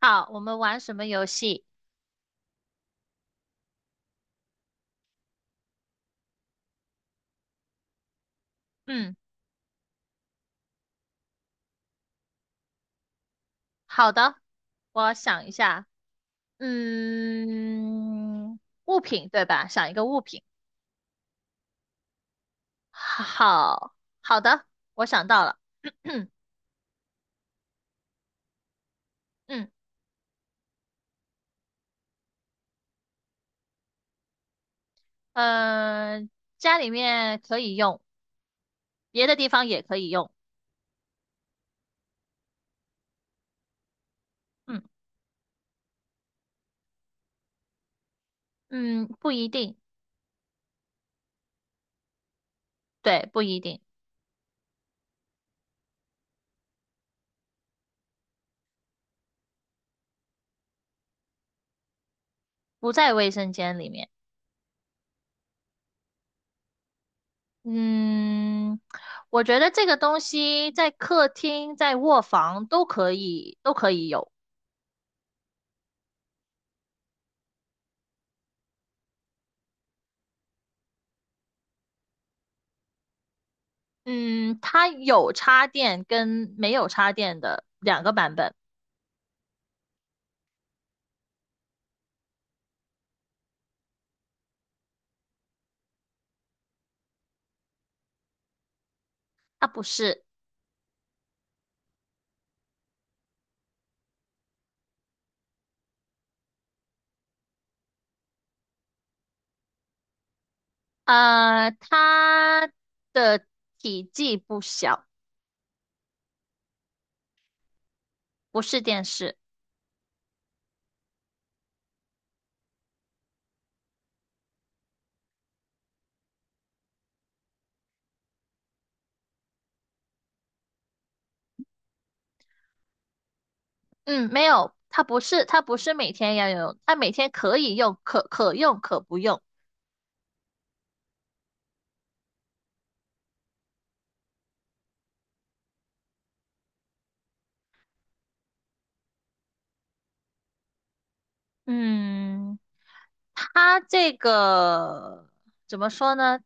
好，我们玩什么游戏？嗯，好的，我想一下。嗯，物品对吧？想一个物品。好，好的，我想到了。嗯，呃，家里面可以用，别的地方也可以用。嗯嗯，不一定。对，不一定。不在卫生间里面。嗯，我觉得这个东西在客厅、在卧房都可以，都可以有。嗯，它有插电跟没有插电的两个版本。它不是。它的体积不小，不是电视。嗯，没有，它不是，它不是每天要用，它每天可以用，可用可不用。嗯，它这个怎么说呢？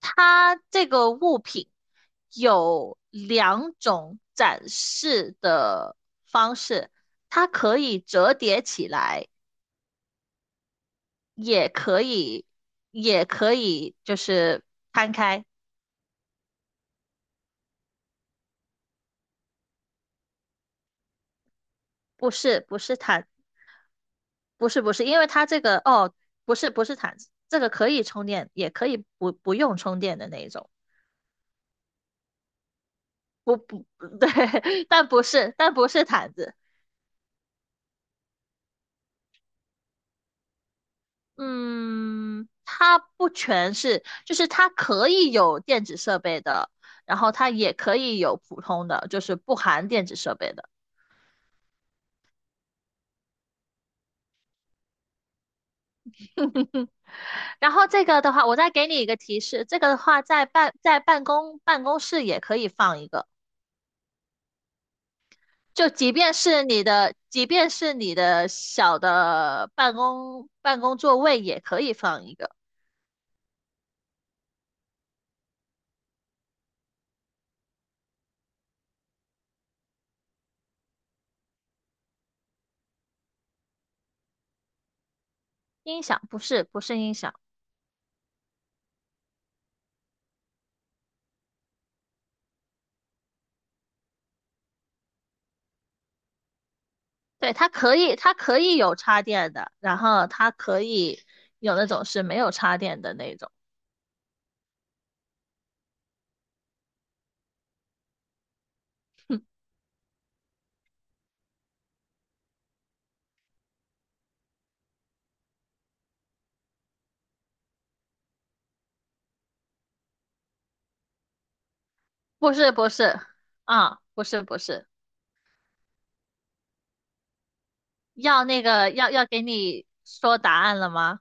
它这个物品有两种展示的方式，它可以折叠起来，也可以，也可以就是摊开。不是，不是毯。不是，不是，因为它这个哦，不是，不是毯子，这个可以充电，也可以不用充电的那一种。不不，对，但不是，但不是毯子。嗯，它不全是，就是它可以有电子设备的，然后它也可以有普通的，就是不含电子设备的。嗯，然后这个的话，我再给你一个提示，这个的话在办公室也可以放一个，就即便是你的小的办公座位也可以放一个音响，不是不是音响。对，它可以，它可以有插电的，然后它可以有那种是没有插电的那种。不是，不是，不是，不是，要那个要要给你说答案了吗？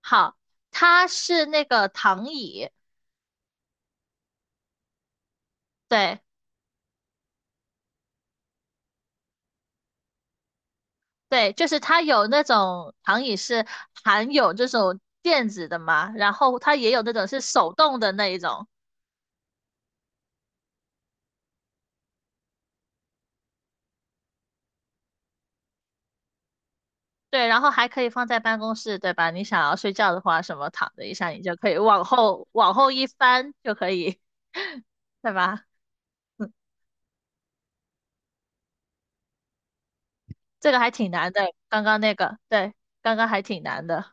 好，它是那个躺椅。对对，就是它有那种躺椅是含有这种垫子的嘛，然后它也有那种是手动的那一种。对，然后还可以放在办公室，对吧？你想要睡觉的话，什么躺着一下，你就可以往后一翻就可以，对吧？嗯，这个还挺难的，刚刚那个，对，刚刚还挺难的。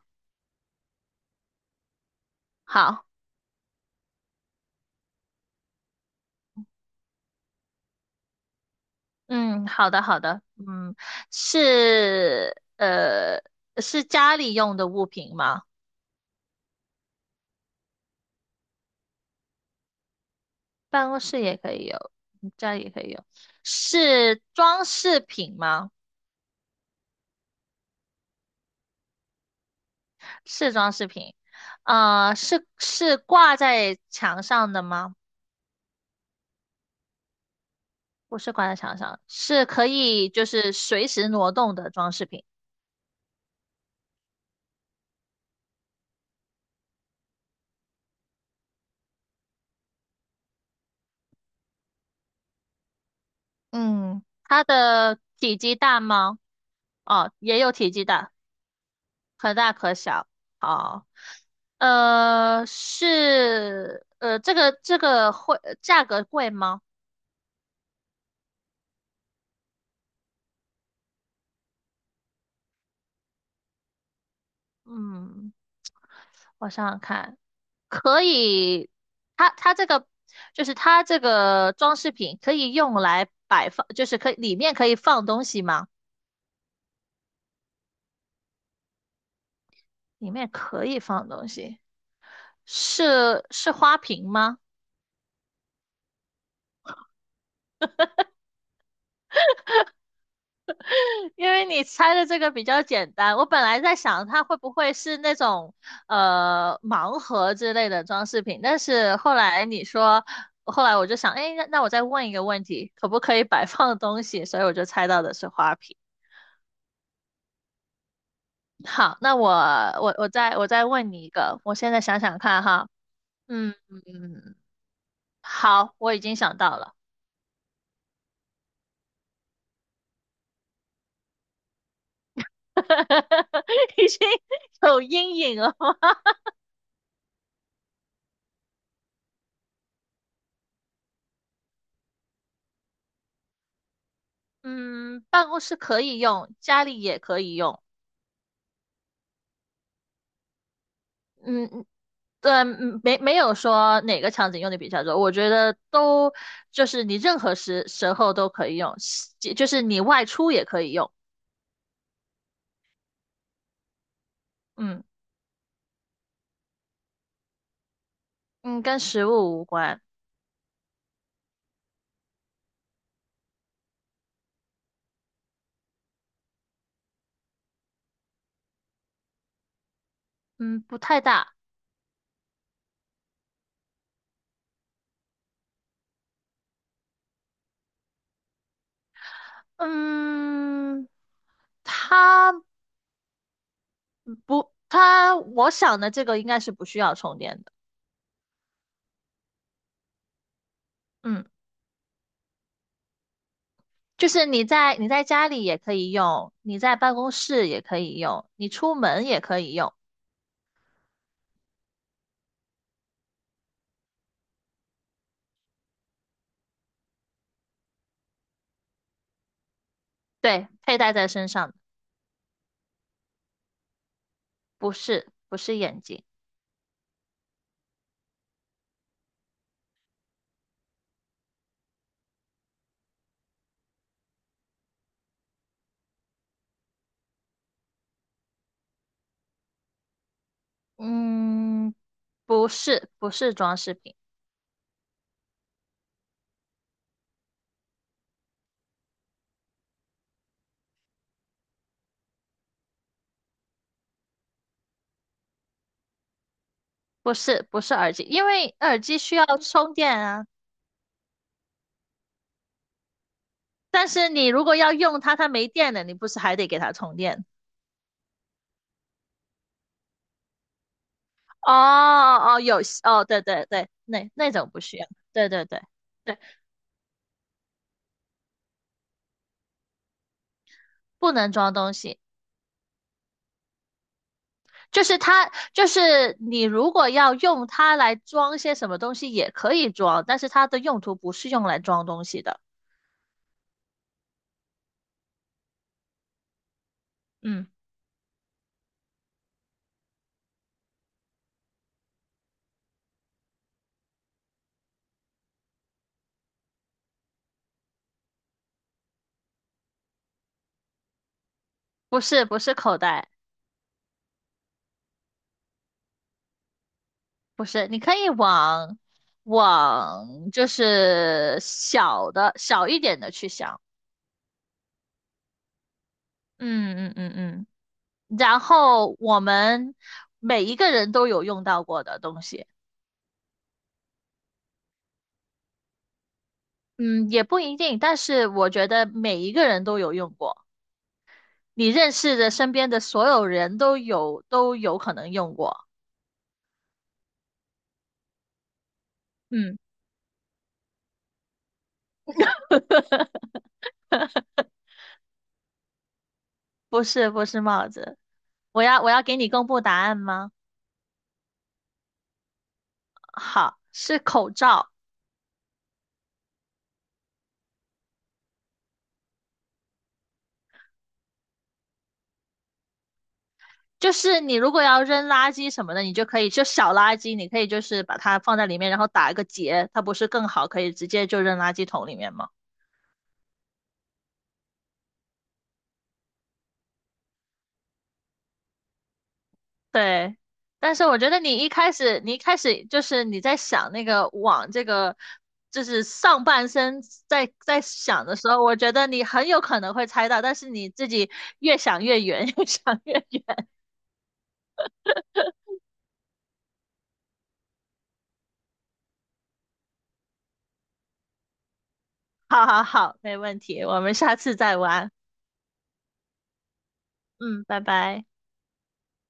好，嗯，好的，好的。嗯，是呃是家里用的物品吗？办公室也可以有，嗯家里也可以有，是装饰品吗？是装饰品。呃，是挂在墙上的吗？不是挂在墙上，是可以就是随时挪动的装饰品。嗯，它的体积大吗？哦，也有体积大，可大可小。哦，这个会价格贵吗？嗯，我想想看，可以。它这个就是它这个装饰品可以用来摆放，就是可以里面可以放东西吗？里面可以放东西。是花瓶吗？因为你猜的这个比较简单，我本来在想它会不会是那种盲盒之类的装饰品，但是后来你说，后来我就想，哎，那我再问一个问题，可不可以摆放东西？所以我就猜到的是花瓶。好，那我我再问你一个，我现在想想看哈。嗯嗯，好，我已经想到了。已经有阴影了吗。嗯，办公室可以用，家里也可以用。嗯，对，嗯没有说哪个场景用的比较多，我觉得都就是你任何时候都可以用，就是你外出也可以用。嗯嗯，跟食物无关。嗯，不太大。嗯，它不，它我想的这个应该是不需要充电的。嗯，就是你在家里也可以用，你在办公室也可以用，你出门也可以用。对，佩戴在身上的。不是，不是眼镜。嗯，不是，不是装饰品。不是，不是耳机，因为耳机需要充电啊。但是你如果要用它，它没电了，你不是还得给它充电？哦哦，有哦，对对对，那那种不需要，对对对对，不能装东西。就是它，就是你如果要用它来装些什么东西也可以装，但是它的用途不是用来装东西的。嗯，不是不是口袋。不是，你可以往就是小一点的去想。嗯嗯嗯嗯然后我们每一个人都有用到过的东西。嗯，也不一定，但是我觉得每一个人都有用过，你认识的身边的所有人都有可能用过。嗯，不是不是帽子。我要给你公布答案吗？好，是口罩。就是你如果要扔垃圾什么的，你就可以就小垃圾，你可以就是把它放在里面，然后打一个结，它不是更好，可以直接就扔垃圾桶里面吗？对。但是我觉得你一开始就是你在想那个往这个，就是上半身在想的时候，我觉得你很有可能会猜到，但是你自己越想越远，越想越远。好好好，没问题，我们下次再玩。嗯，拜拜。